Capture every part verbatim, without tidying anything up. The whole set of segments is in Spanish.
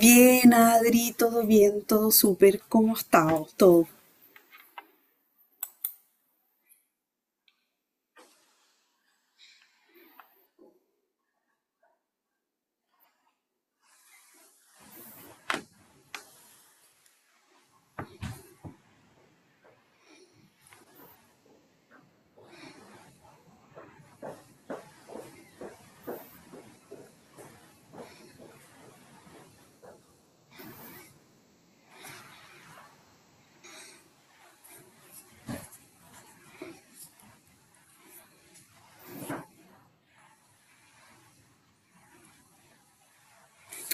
Bien, Adri, todo bien, todo súper. ¿Cómo has estado? Todo.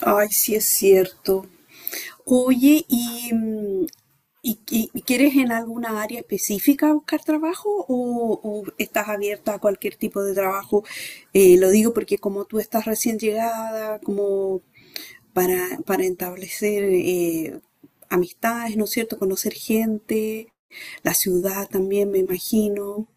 Ay, sí es cierto. Oye, ¿y, mm, y- y- y quieres en alguna área específica buscar trabajo o, o estás abierta a cualquier tipo de trabajo? Eh, lo digo porque como tú estás recién llegada, como para, para establecer eh, amistades, ¿no es cierto? Conocer gente, la ciudad también, me imagino.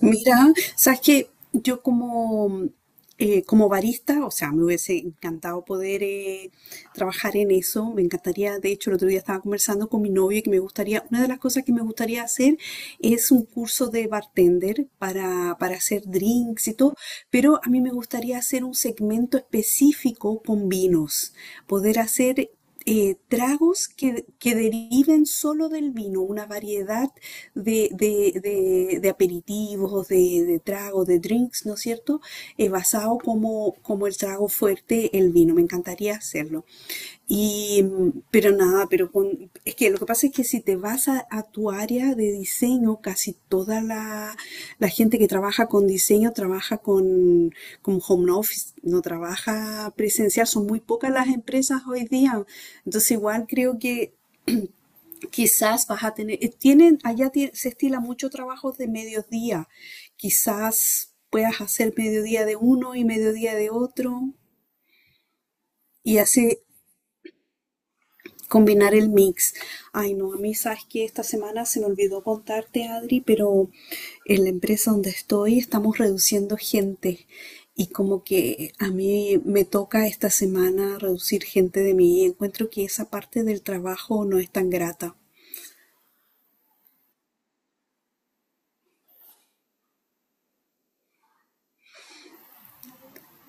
Mira, sabes que yo como, eh, como barista, o sea, me hubiese encantado poder eh, trabajar en eso. Me encantaría, de hecho, el otro día estaba conversando con mi novio que me gustaría, una de las cosas que me gustaría hacer es un curso de bartender para, para hacer drinks y todo, pero a mí me gustaría hacer un segmento específico con vinos, poder hacer eh, tragos que, que deriven solo del vino, una variedad de, de- de- de aperitivos, de, de tragos, de drinks, ¿no es cierto? Eh, basado como, como el trago fuerte, el vino. Me encantaría hacerlo. Y, mm, pero pero nada, pero con, es que lo que pasa es que si te vas a, a tu área de diseño, casi toda la, la gente que trabaja con diseño trabaja con, con home office, no trabaja presencial, son muy pocas las empresas hoy día. Entonces igual creo que quizás vas a tener, eh, tienen, allá tie- se estila mucho trabajos de mediodía, quizás puedas hacer mediodía de uno y mediodía de otro. Y así, combinar el mix. Ay, no, a mí sabes que esta semana se me olvidó contarte, Adri, pero en la empresa donde estoy estamos reduciendo gente y como que a mí me toca esta semana reducir gente de mí y encuentro que esa parte del trabajo no es tan grata.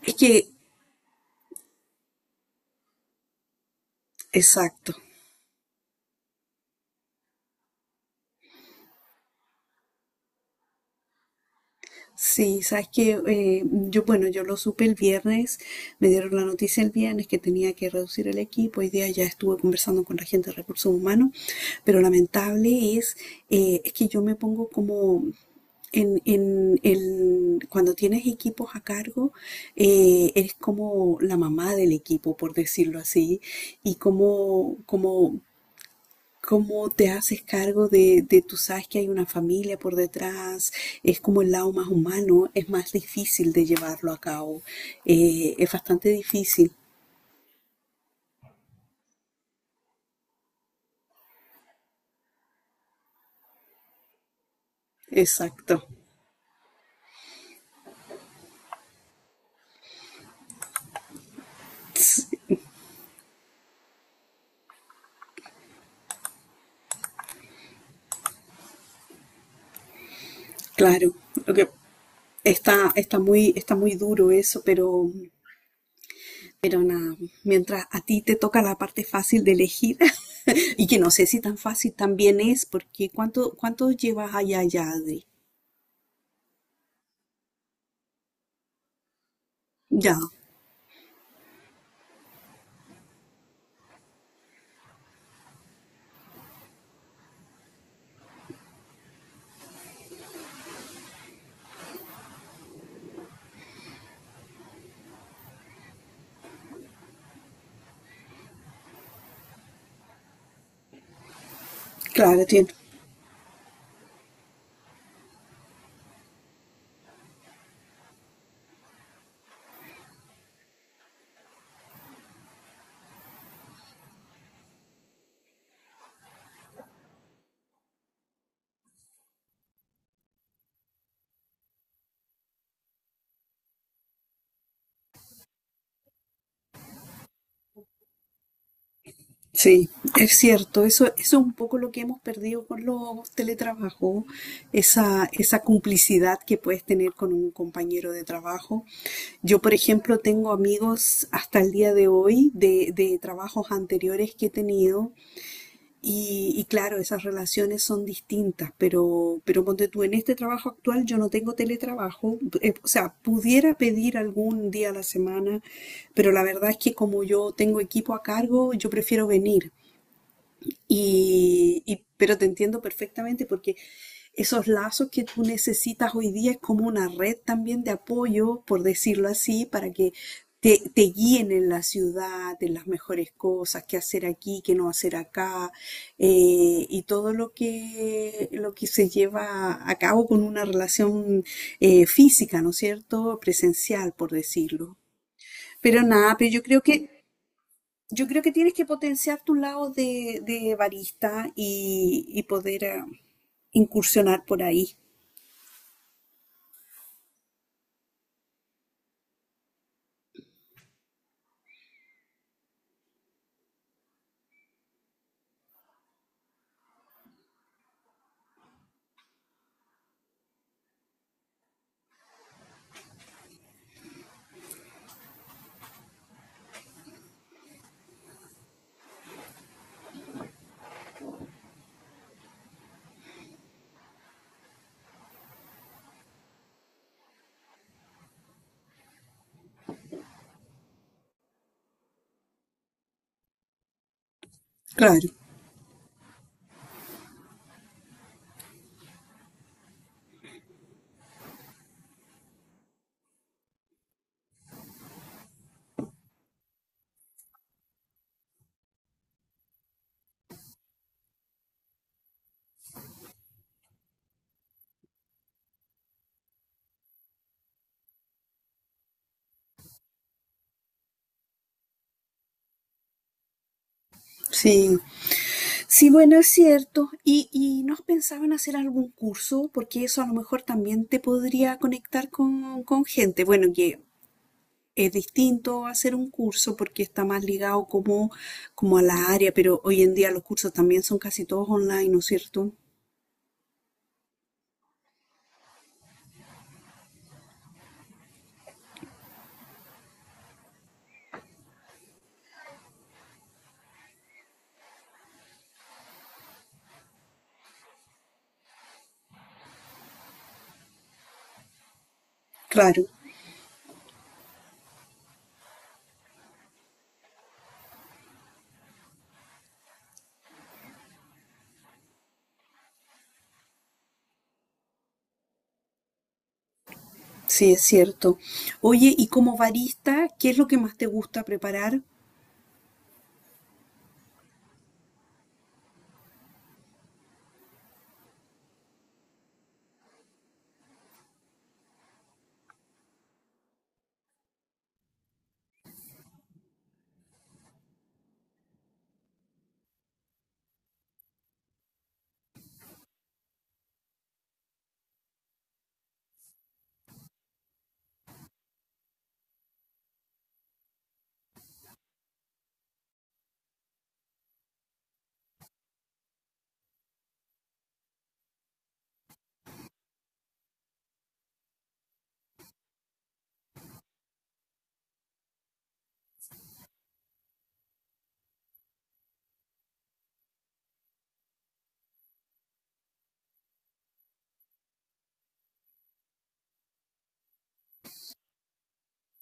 Es que, exacto. Sí, sabes que eh, yo, bueno, yo lo supe el viernes, me dieron la noticia el viernes que tenía que reducir el equipo, hoy día ya estuve conversando con la gente de recursos humanos, pero lamentable es, eh, es que yo me pongo como en, en el, cuando tienes equipos a cargo, eh, eres como la mamá del equipo, por decirlo así, y como, como cómo te haces cargo de, de, tú sabes que hay una familia por detrás, es como el lado más humano, es más difícil de llevarlo a cabo, eh, es bastante difícil, exacto. Sí, claro, lo que- está, está muy, está muy duro eso, pero, pero nada, mientras a ti te toca la parte fácil de elegir, y que no sé si tan fácil también es, porque ¿cuánto, cuánto llevas allá ya, Adri? Ya, claro, tiene. Sí, es cierto, eso, eso es un poco lo que hemos perdido con los teletrabajos, esa, esa complicidad que puedes tener con un compañero de trabajo. Yo, por ejemplo, tengo amigos hasta el día de hoy de, de trabajos anteriores que he tenido y, y claro, esas relaciones son distintas, pero, pero ponte tú, en este trabajo actual yo no tengo teletrabajo, eh, o sea, pudiera pedir algún día a la semana, pero la verdad es que como yo tengo equipo a cargo, yo prefiero venir. Y, y- pero te entiendo perfectamente porque esos lazos que tú necesitas hoy día es como una red también de apoyo, por decirlo así, para que te, te guíen en la ciudad, en las mejores cosas, qué hacer aquí, qué no hacer acá, eh, y todo lo que, lo que se lleva a cabo con una relación eh, física, ¿no es cierto? Presencial, por decirlo. Pero nada, pero yo creo que yo creo que tienes que potenciar tu lado de, de barista y, y poder eh, incursionar por ahí. Claro, sí. Sí, bueno, es cierto. ¿Y, y no has pensado en hacer algún curso? Porque eso a lo mejor también te podría conectar con, con gente. Bueno, que es distinto hacer un curso porque está más ligado como, como a la área, pero hoy en día los cursos también son casi todos online, ¿no es cierto? Claro, sí, es cierto. Oye, y como barista, ¿qué es lo que más te gusta preparar?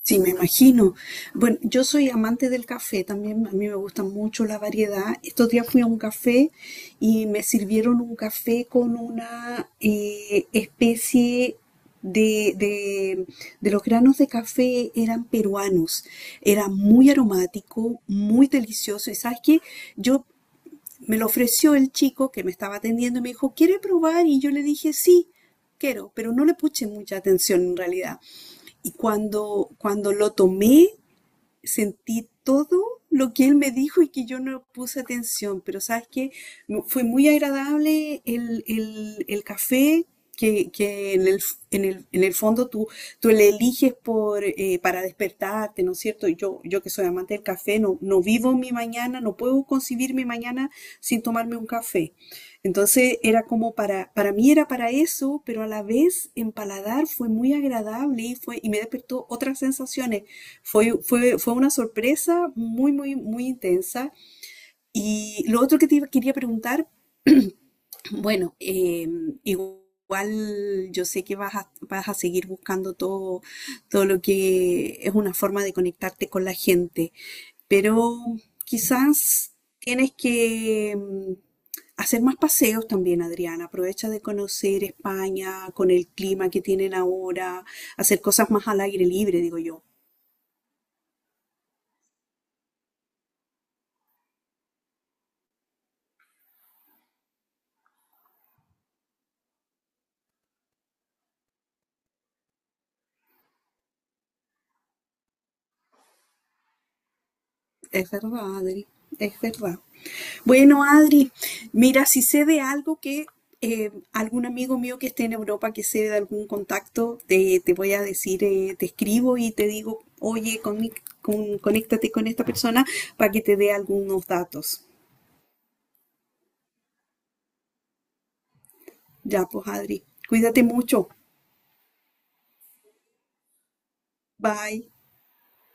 Sí, me imagino. Bueno, yo soy amante del café también, a mí me gusta mucho la variedad. Estos días fui a un café y me sirvieron un café con una eh, especie de, de, de los granos de café, eran peruanos. Era muy aromático, muy delicioso. ¿Y sabes qué? Yo me lo ofreció el chico que me estaba atendiendo y me dijo, ¿quiere probar? Y yo le dije, sí, quiero, pero no le puse mucha atención en realidad. Y cuando, cuando lo tomé, sentí todo lo que él me dijo y que yo no puse atención, pero sabes que fue muy agradable el, el- el café que, que en el, en el, en el fondo tú, tú le eliges por, eh, para despertarte, ¿no es cierto? Yo, yo que soy amante del café, no, no vivo mi mañana, no puedo concebir mi mañana sin tomarme un café. Entonces era como para, para mí era para eso, pero a la vez en paladar fue muy agradable y fue, y me despertó otras sensaciones, fue, fue, fue una sorpresa muy, muy, muy intensa. Y lo otro que te iba- quería preguntar, bueno, eh, igual yo sé que vas a, vas a seguir buscando todo, todo lo que es una forma de conectarte con la gente, pero quizás tienes que mm, hacer más paseos también, Adriana. Aprovecha de conocer España con el clima que tienen ahora, hacer cosas más al aire libre, digo yo. Es verdad, Adri, es verdad. Bueno, Adri, mira, si sé de algo que eh, algún amigo mío que esté en Europa, que sé de algún contacto, te, te voy a decir, eh, te escribo y te digo, oye, con, con- conéctate con esta persona para que te dé algunos datos. Ya, pues, Adri, cuídate mucho. Bye.